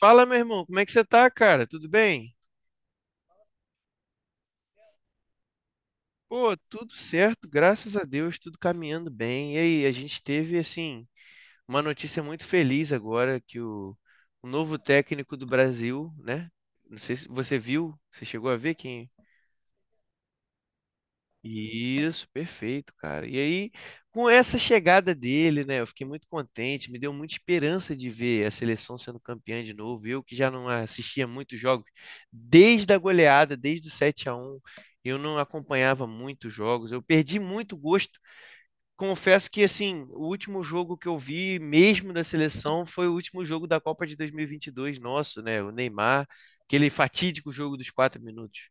Fala, meu irmão, como é que você tá, cara? Tudo bem? Pô, tudo certo, graças a Deus, tudo caminhando bem. E aí, a gente teve, assim, uma notícia muito feliz agora que o novo técnico do Brasil, né? Não sei se você viu, você chegou a ver quem? Isso, perfeito, cara. E aí, com essa chegada dele, né, eu fiquei muito contente, me deu muita esperança de ver a seleção sendo campeã de novo. Eu que já não assistia muitos jogos desde a goleada, desde o 7-1. Eu não acompanhava muitos jogos. Eu perdi muito gosto. Confesso que, assim, o último jogo que eu vi mesmo da seleção foi o último jogo da Copa de dois mil e vinte e dois. Nosso, né, o Neymar, aquele fatídico jogo dos 4 minutos.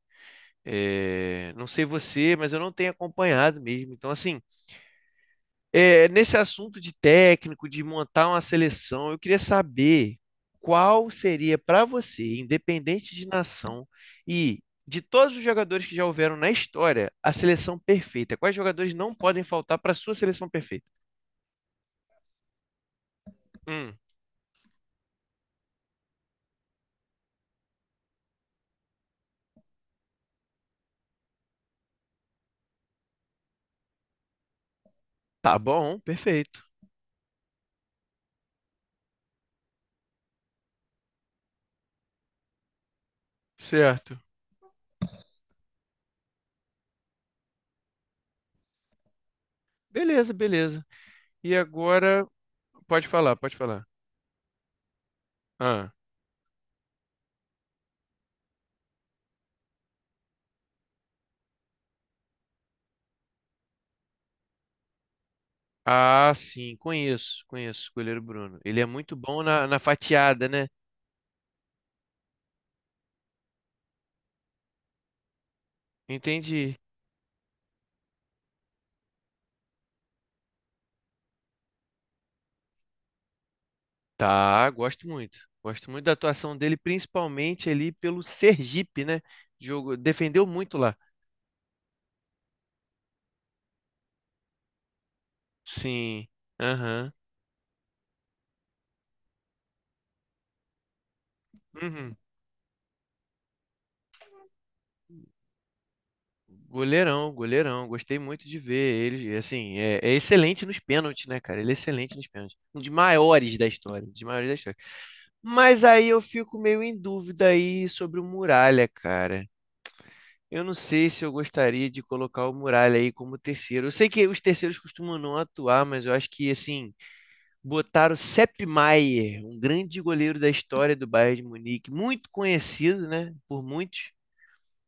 É, não sei você, mas eu não tenho acompanhado mesmo. Então, assim, é, nesse assunto de técnico, de montar uma seleção, eu queria saber qual seria para você, independente de nação e de todos os jogadores que já houveram na história, a seleção perfeita. Quais jogadores não podem faltar para sua seleção perfeita? Hum, tá bom, perfeito. Certo. Beleza, beleza. E agora, pode falar, pode falar. Ah, sim, conheço, conheço o goleiro Bruno. Ele é muito bom na fatiada, né? Entendi. Tá, gosto muito. Gosto muito da atuação dele, principalmente ali pelo Sergipe, né? Jogo, defendeu muito lá. Sim. Aham. Uhum. Goleirão, goleirão. Gostei muito de ver ele. Assim, é excelente nos pênaltis, né, cara? Ele é excelente nos pênaltis. Um dos maiores da história, um dos maiores da história. Mas aí eu fico meio em dúvida aí sobre o Muralha, cara. Eu não sei se eu gostaria de colocar o Muralha aí como terceiro. Eu sei que os terceiros costumam não atuar, mas eu acho que, assim, botar o Sepp Maier, um grande goleiro da história do Bayern de Munique, muito conhecido, né, por muitos,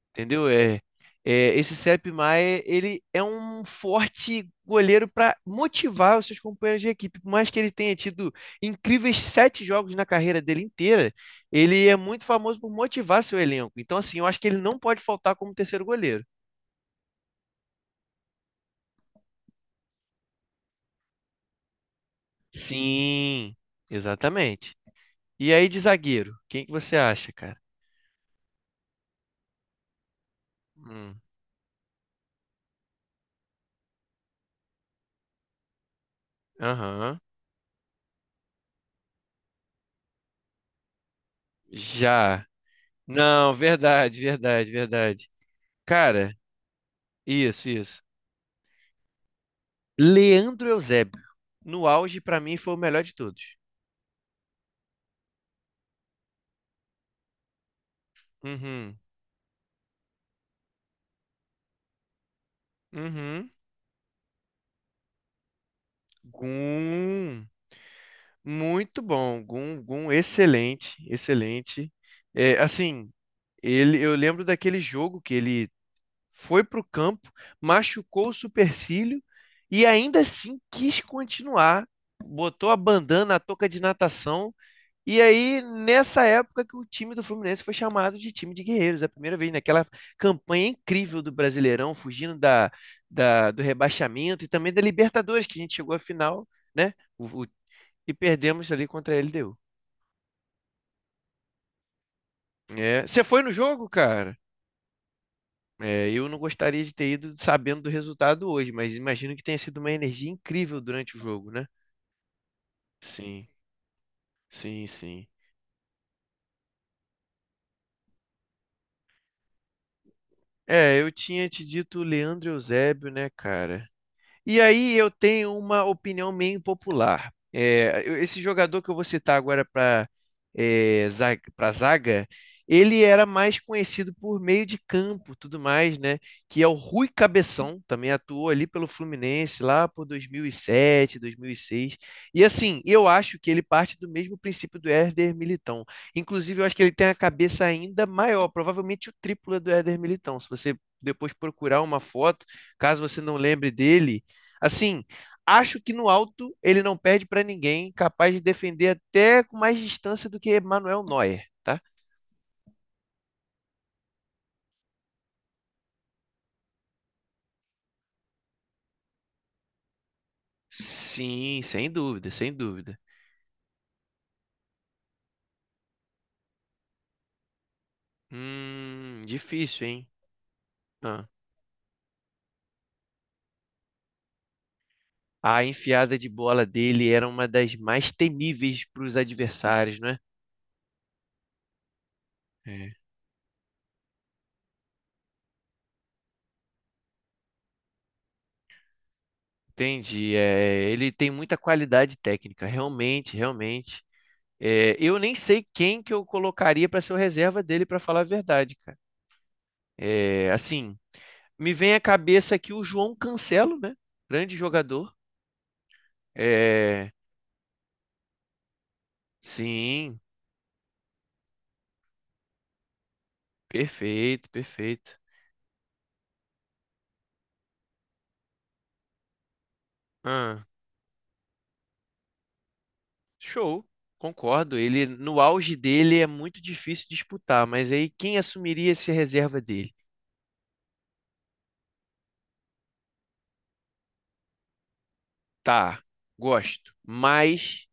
entendeu? É, esse Sepp Maier, ele é um forte goleiro para motivar os seus companheiros de equipe. Por mais que ele tenha tido incríveis 7 jogos na carreira dele inteira, ele é muito famoso por motivar seu elenco. Então, assim, eu acho que ele não pode faltar como terceiro goleiro. Sim, exatamente. E aí de zagueiro, quem que você acha, cara? Hum, aham. Já. Não, verdade, verdade, verdade. Cara, isso, isso. Leandro Eusébio, no auge, pra mim, foi o melhor de todos. Uhum, uhum. Gum, muito bom. Gum, Gum, excelente, excelente. É, assim, ele, eu lembro daquele jogo que ele foi para o campo, machucou o supercílio e ainda assim quis continuar. Botou a bandana, a touca de natação. E aí, nessa época que o time do Fluminense foi chamado de time de guerreiros, é a primeira vez naquela campanha incrível do Brasileirão, fugindo do rebaixamento e também da Libertadores, que a gente chegou à final, né? E perdemos ali contra a LDU. É, você foi no jogo, cara? É, eu não gostaria de ter ido sabendo do resultado hoje, mas imagino que tenha sido uma energia incrível durante o jogo, né? Sim, sim, sim. É, eu tinha te dito o Leandro Eusébio, né, cara? E aí eu tenho uma opinião meio impopular. É, esse jogador que eu vou citar agora para zaga, ele era mais conhecido por meio de campo, tudo mais, né? Que é o Rui Cabeção, também atuou ali pelo Fluminense lá por 2007, 2006. E sete, 2006. E, assim, eu acho que ele parte do mesmo princípio do Éder Militão. Inclusive, eu acho que ele tem a cabeça ainda maior, provavelmente o triplo do Éder Militão. Se você depois procurar uma foto, caso você não lembre dele. Assim, acho que no alto ele não perde para ninguém, capaz de defender até com mais distância do que Manuel Neuer, tá? Sim, sem dúvida, sem dúvida. Difícil, hein? Ah, a enfiada de bola dele era uma das mais temíveis para os adversários, não é? É. Entendi. É, ele tem muita qualidade técnica, realmente, realmente. É, eu nem sei quem que eu colocaria para ser o reserva dele, para falar a verdade, cara. É, assim, me vem à cabeça aqui o João Cancelo, né? Grande jogador. É, sim, perfeito, perfeito. Ah, show, concordo. Ele no auge dele é muito difícil disputar, mas aí quem assumiria essa reserva dele? Tá, gosto, mas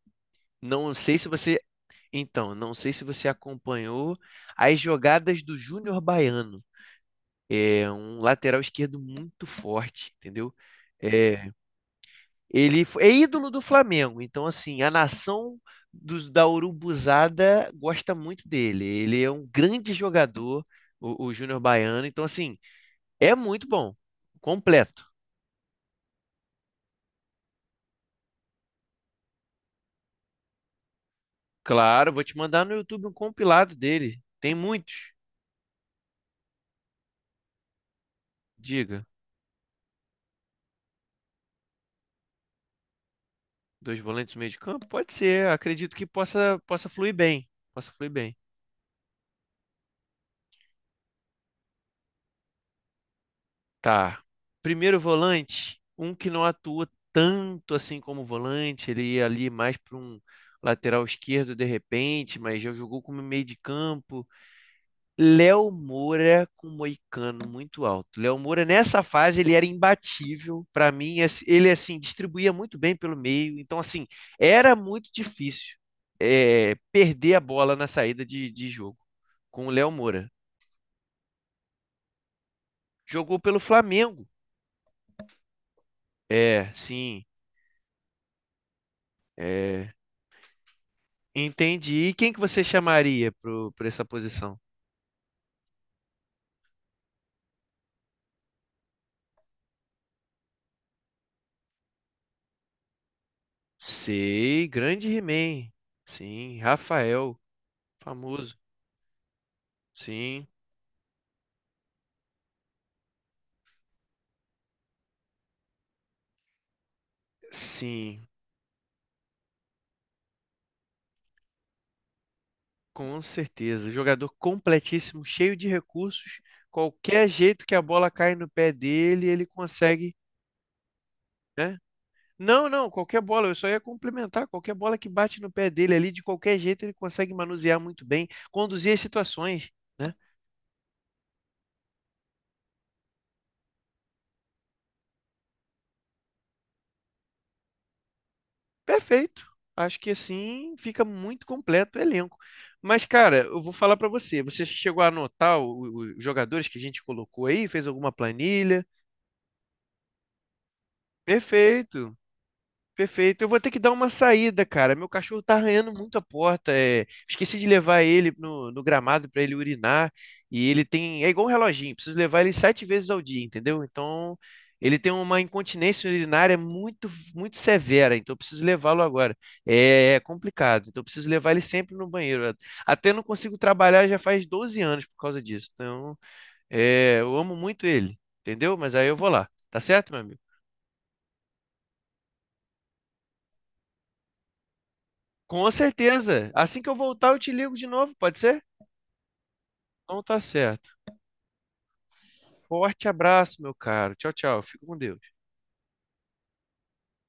não sei se você, então, não sei se você acompanhou as jogadas do Júnior Baiano. É um lateral esquerdo muito forte, entendeu? É, ele é ídolo do Flamengo, então assim, a nação da Urubuzada gosta muito dele. Ele é um grande jogador, o Júnior Baiano, então assim, é muito bom, completo. Claro, vou te mandar no YouTube um compilado dele. Tem muitos. Diga, dois volantes no meio de campo? Pode ser, acredito que possa fluir bem. Possa fluir bem. Tá. Primeiro volante, um que não atua tanto assim como volante, ele ia ali mais para um lateral esquerdo de repente, mas já jogou como meio de campo. Léo Moura com Moicano muito alto. Léo Moura nessa fase ele era imbatível para mim, é assim, ele assim distribuía muito bem pelo meio, então assim, era muito difícil perder a bola na saída de jogo com o Léo Moura. Jogou pelo Flamengo. É, sim. É, entendi. E quem que você chamaria por essa posição? Sei, grande He-Man. Sim, Rafael, famoso. Sim, sim, com certeza. Jogador completíssimo, cheio de recursos. Qualquer jeito que a bola cai no pé dele, ele consegue, né? Não, não, qualquer bola, eu só ia complementar. Qualquer bola que bate no pé dele ali, de qualquer jeito, ele consegue manusear muito bem, conduzir as situações, né? Perfeito. Acho que assim fica muito completo o elenco. Mas, cara, eu vou falar pra você. Você chegou a anotar os jogadores que a gente colocou aí? Fez alguma planilha? Perfeito. Perfeito. Eu vou ter que dar uma saída, cara. Meu cachorro tá arranhando muito a porta. É. Esqueci de levar ele no gramado pra ele urinar. E ele tem. É igual um reloginho, preciso levar ele 7 vezes ao dia, entendeu? Então, ele tem uma incontinência urinária muito, muito severa. Então, eu preciso levá-lo agora. É, complicado. Então, eu preciso levar ele sempre no banheiro. Até não consigo trabalhar já faz 12 anos por causa disso. Então, eu amo muito ele, entendeu? Mas aí eu vou lá. Tá certo, meu amigo? Com certeza. Assim que eu voltar, eu te ligo de novo, pode ser? Então tá certo. Forte abraço, meu caro. Tchau, tchau. Fica com Deus.